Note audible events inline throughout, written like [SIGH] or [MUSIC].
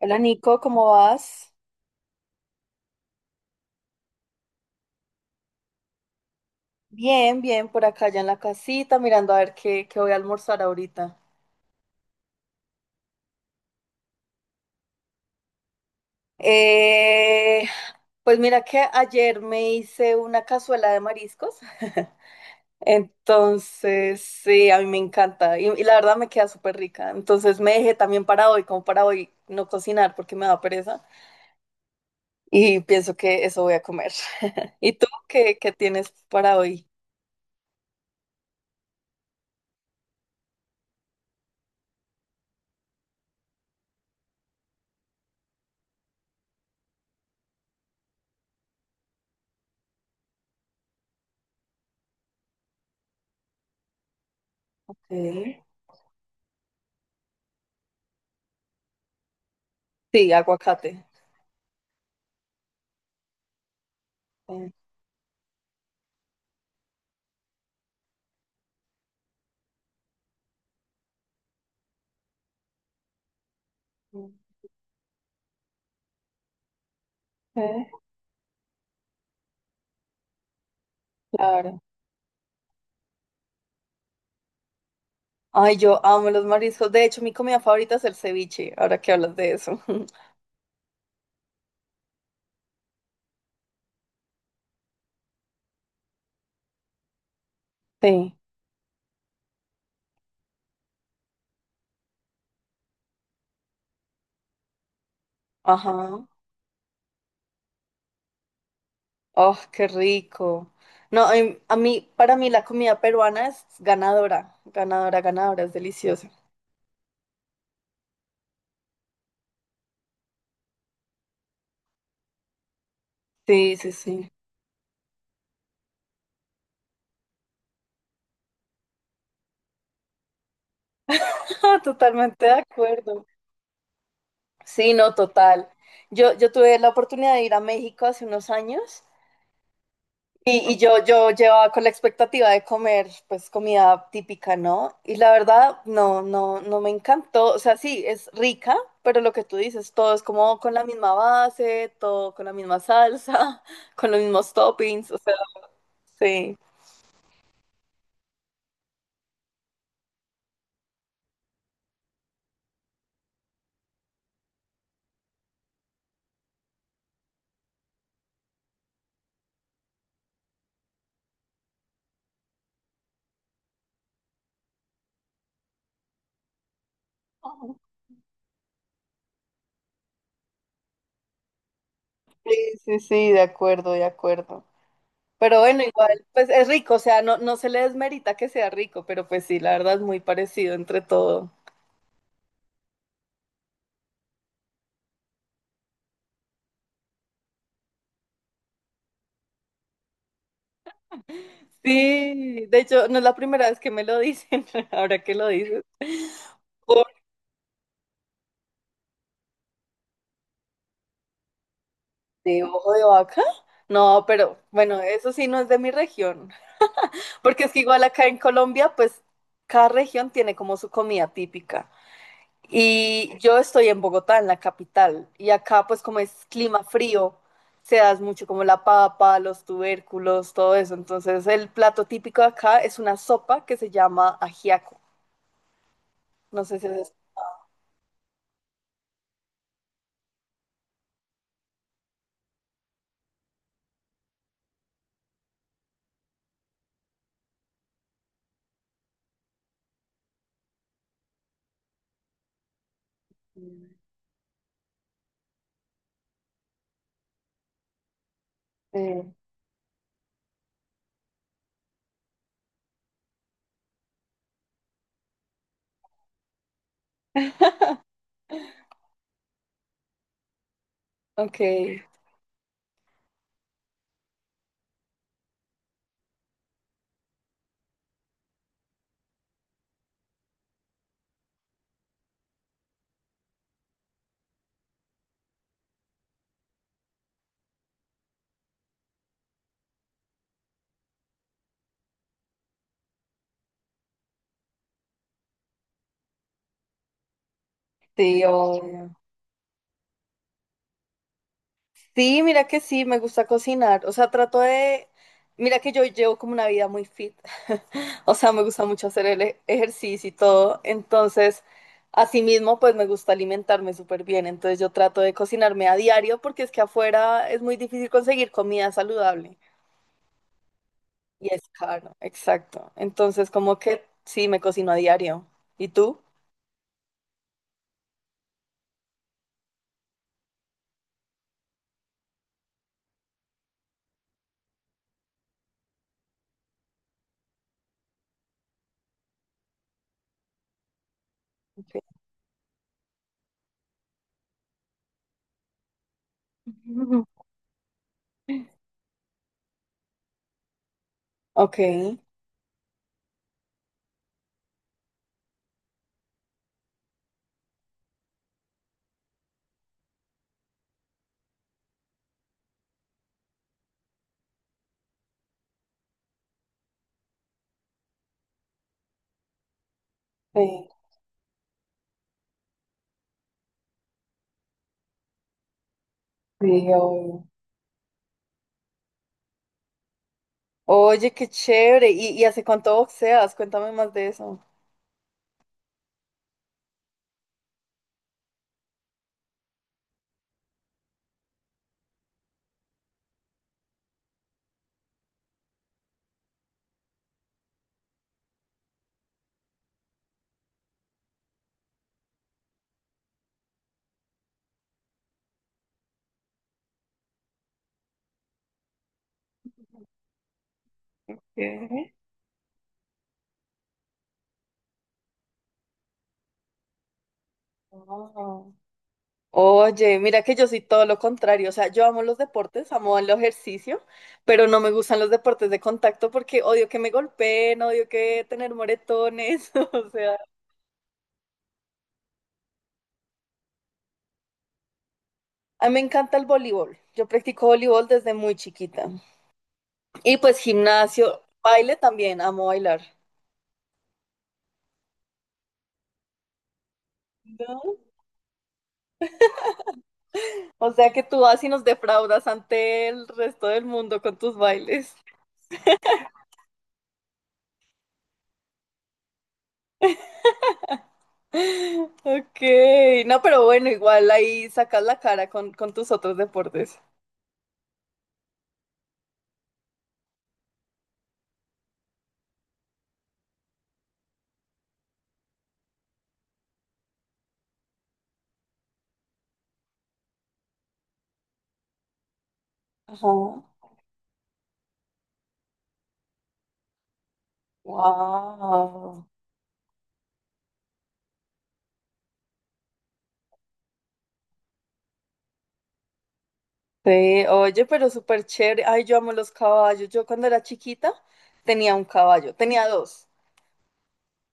Hola Nico, ¿cómo vas? Bien, bien, por acá ya en la casita, mirando a ver qué voy a almorzar ahorita. Eh, pues mira que ayer me hice una cazuela de mariscos, [LAUGHS] entonces sí, a mí me encanta y la verdad me queda súper rica. Entonces me dejé también para hoy, como para hoy no cocinar porque me da pereza y pienso que eso voy a comer. [LAUGHS] ¿Y tú qué tienes para hoy? Sí, sí, aguacate. Sí. Sí, claro. Ay, yo amo los mariscos. De hecho, mi comida favorita es el ceviche, ahora que hablas de eso. [LAUGHS] Sí, ajá. Oh, qué rico. No, a mí, para mí la comida peruana es ganadora, ganadora, ganadora, es deliciosa. Sí, sí, sí. [LAUGHS] Totalmente de acuerdo. Sí, no, total. Yo tuve la oportunidad de ir a México hace unos años. Y yo, yo llevaba con la expectativa de comer, pues, comida típica, ¿no? Y la verdad, no, no, no me encantó. O sea, sí, es rica, pero lo que tú dices, todo es como con la misma base, todo con la misma salsa, [LAUGHS] con los mismos toppings, o sea, sí. Ujú. Sí, sí, sí, de acuerdo, de acuerdo. Pero bueno, igual, pues es rico, o sea, no, no se le desmerita que sea rico, pero pues sí, la verdad es muy parecido entre todo. Sí, de hecho, no es la primera vez que me lo dicen, [LAUGHS] ahora que lo dices. Ojo ojo de vaca. No, pero bueno, eso sí no es de mi región, porque es que igual acá en Colombia, pues cada región tiene como su comida típica. Y yo estoy en Bogotá, en la capital, y acá pues como es clima frío, se da mucho como la papa, los tubérculos, todo eso. Entonces el plato típico de acá es una sopa que se llama ajiaco. No sé si es... Eh, [LAUGHS] ok, sí, o... Sí, mira que sí, me gusta cocinar. O sea, trato de... Mira que yo llevo como una vida muy fit. [LAUGHS] O sea, me gusta mucho hacer ejercicio y todo. Entonces, asimismo, pues me gusta alimentarme súper bien. Entonces, yo trato de cocinarme a diario porque es que afuera es muy difícil conseguir comida saludable. Y es caro, exacto. Entonces, como que sí, me cocino a diario. ¿Y tú? Ok. [LAUGHS] Ok. Sí, sí, obvio. Oye, qué chévere. Y hace cuánto boxeas? Cuéntame más de eso. ¿Qué? Wow. Oye, mira que yo soy todo lo contrario. O sea, yo amo los deportes, amo el ejercicio, pero no me gustan los deportes de contacto porque odio que me golpeen, odio que tener moretones. [LAUGHS] O sea, a mí me encanta el voleibol. Yo practico voleibol desde muy chiquita. Y pues gimnasio, baile también, amo bailar. ¿No? O sea que tú vas y nos defraudas ante el resto del mundo con tus bailes. Ok, no, pero bueno, igual ahí sacas la cara con tus otros deportes. Ajá. Wow. Sí, oye, pero súper chévere. Ay, yo amo los caballos. Yo cuando era chiquita tenía un caballo, tenía dos,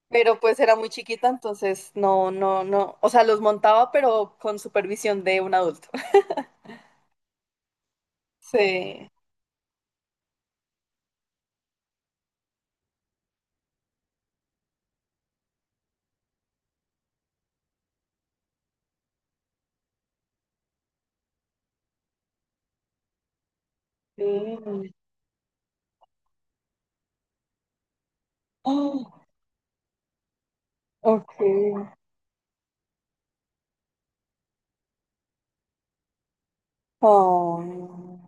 pero pues era muy chiquita, entonces no, no, no. O sea, los montaba, pero con supervisión de un adulto. [LAUGHS] Sí. Sí. Ah, ok. Oh,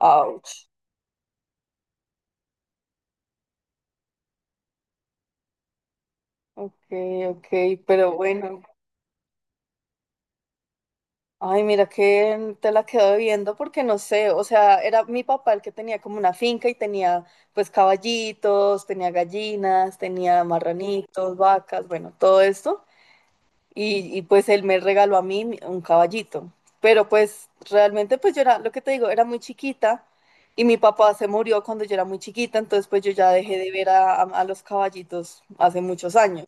ouch. Ok, ok, pero bueno. Ay, mira que te la quedo viendo porque no sé, o sea, era mi papá el que tenía como una finca y tenía pues caballitos, tenía gallinas, tenía marranitos, vacas, bueno, todo esto. Pues él me regaló a mí un caballito. Pero pues realmente pues yo era, lo que te digo, era muy chiquita y mi papá se murió cuando yo era muy chiquita, entonces pues yo ya dejé de ver a, a los caballitos hace muchos años.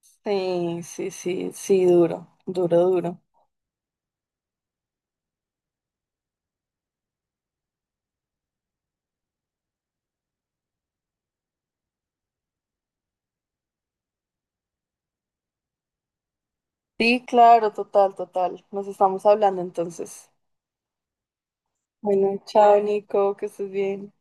Sí, sí, sí, sí, duro, duro, duro. Sí, claro, total, total. Nos estamos hablando entonces. Bueno, chao, Nico, que estés bien.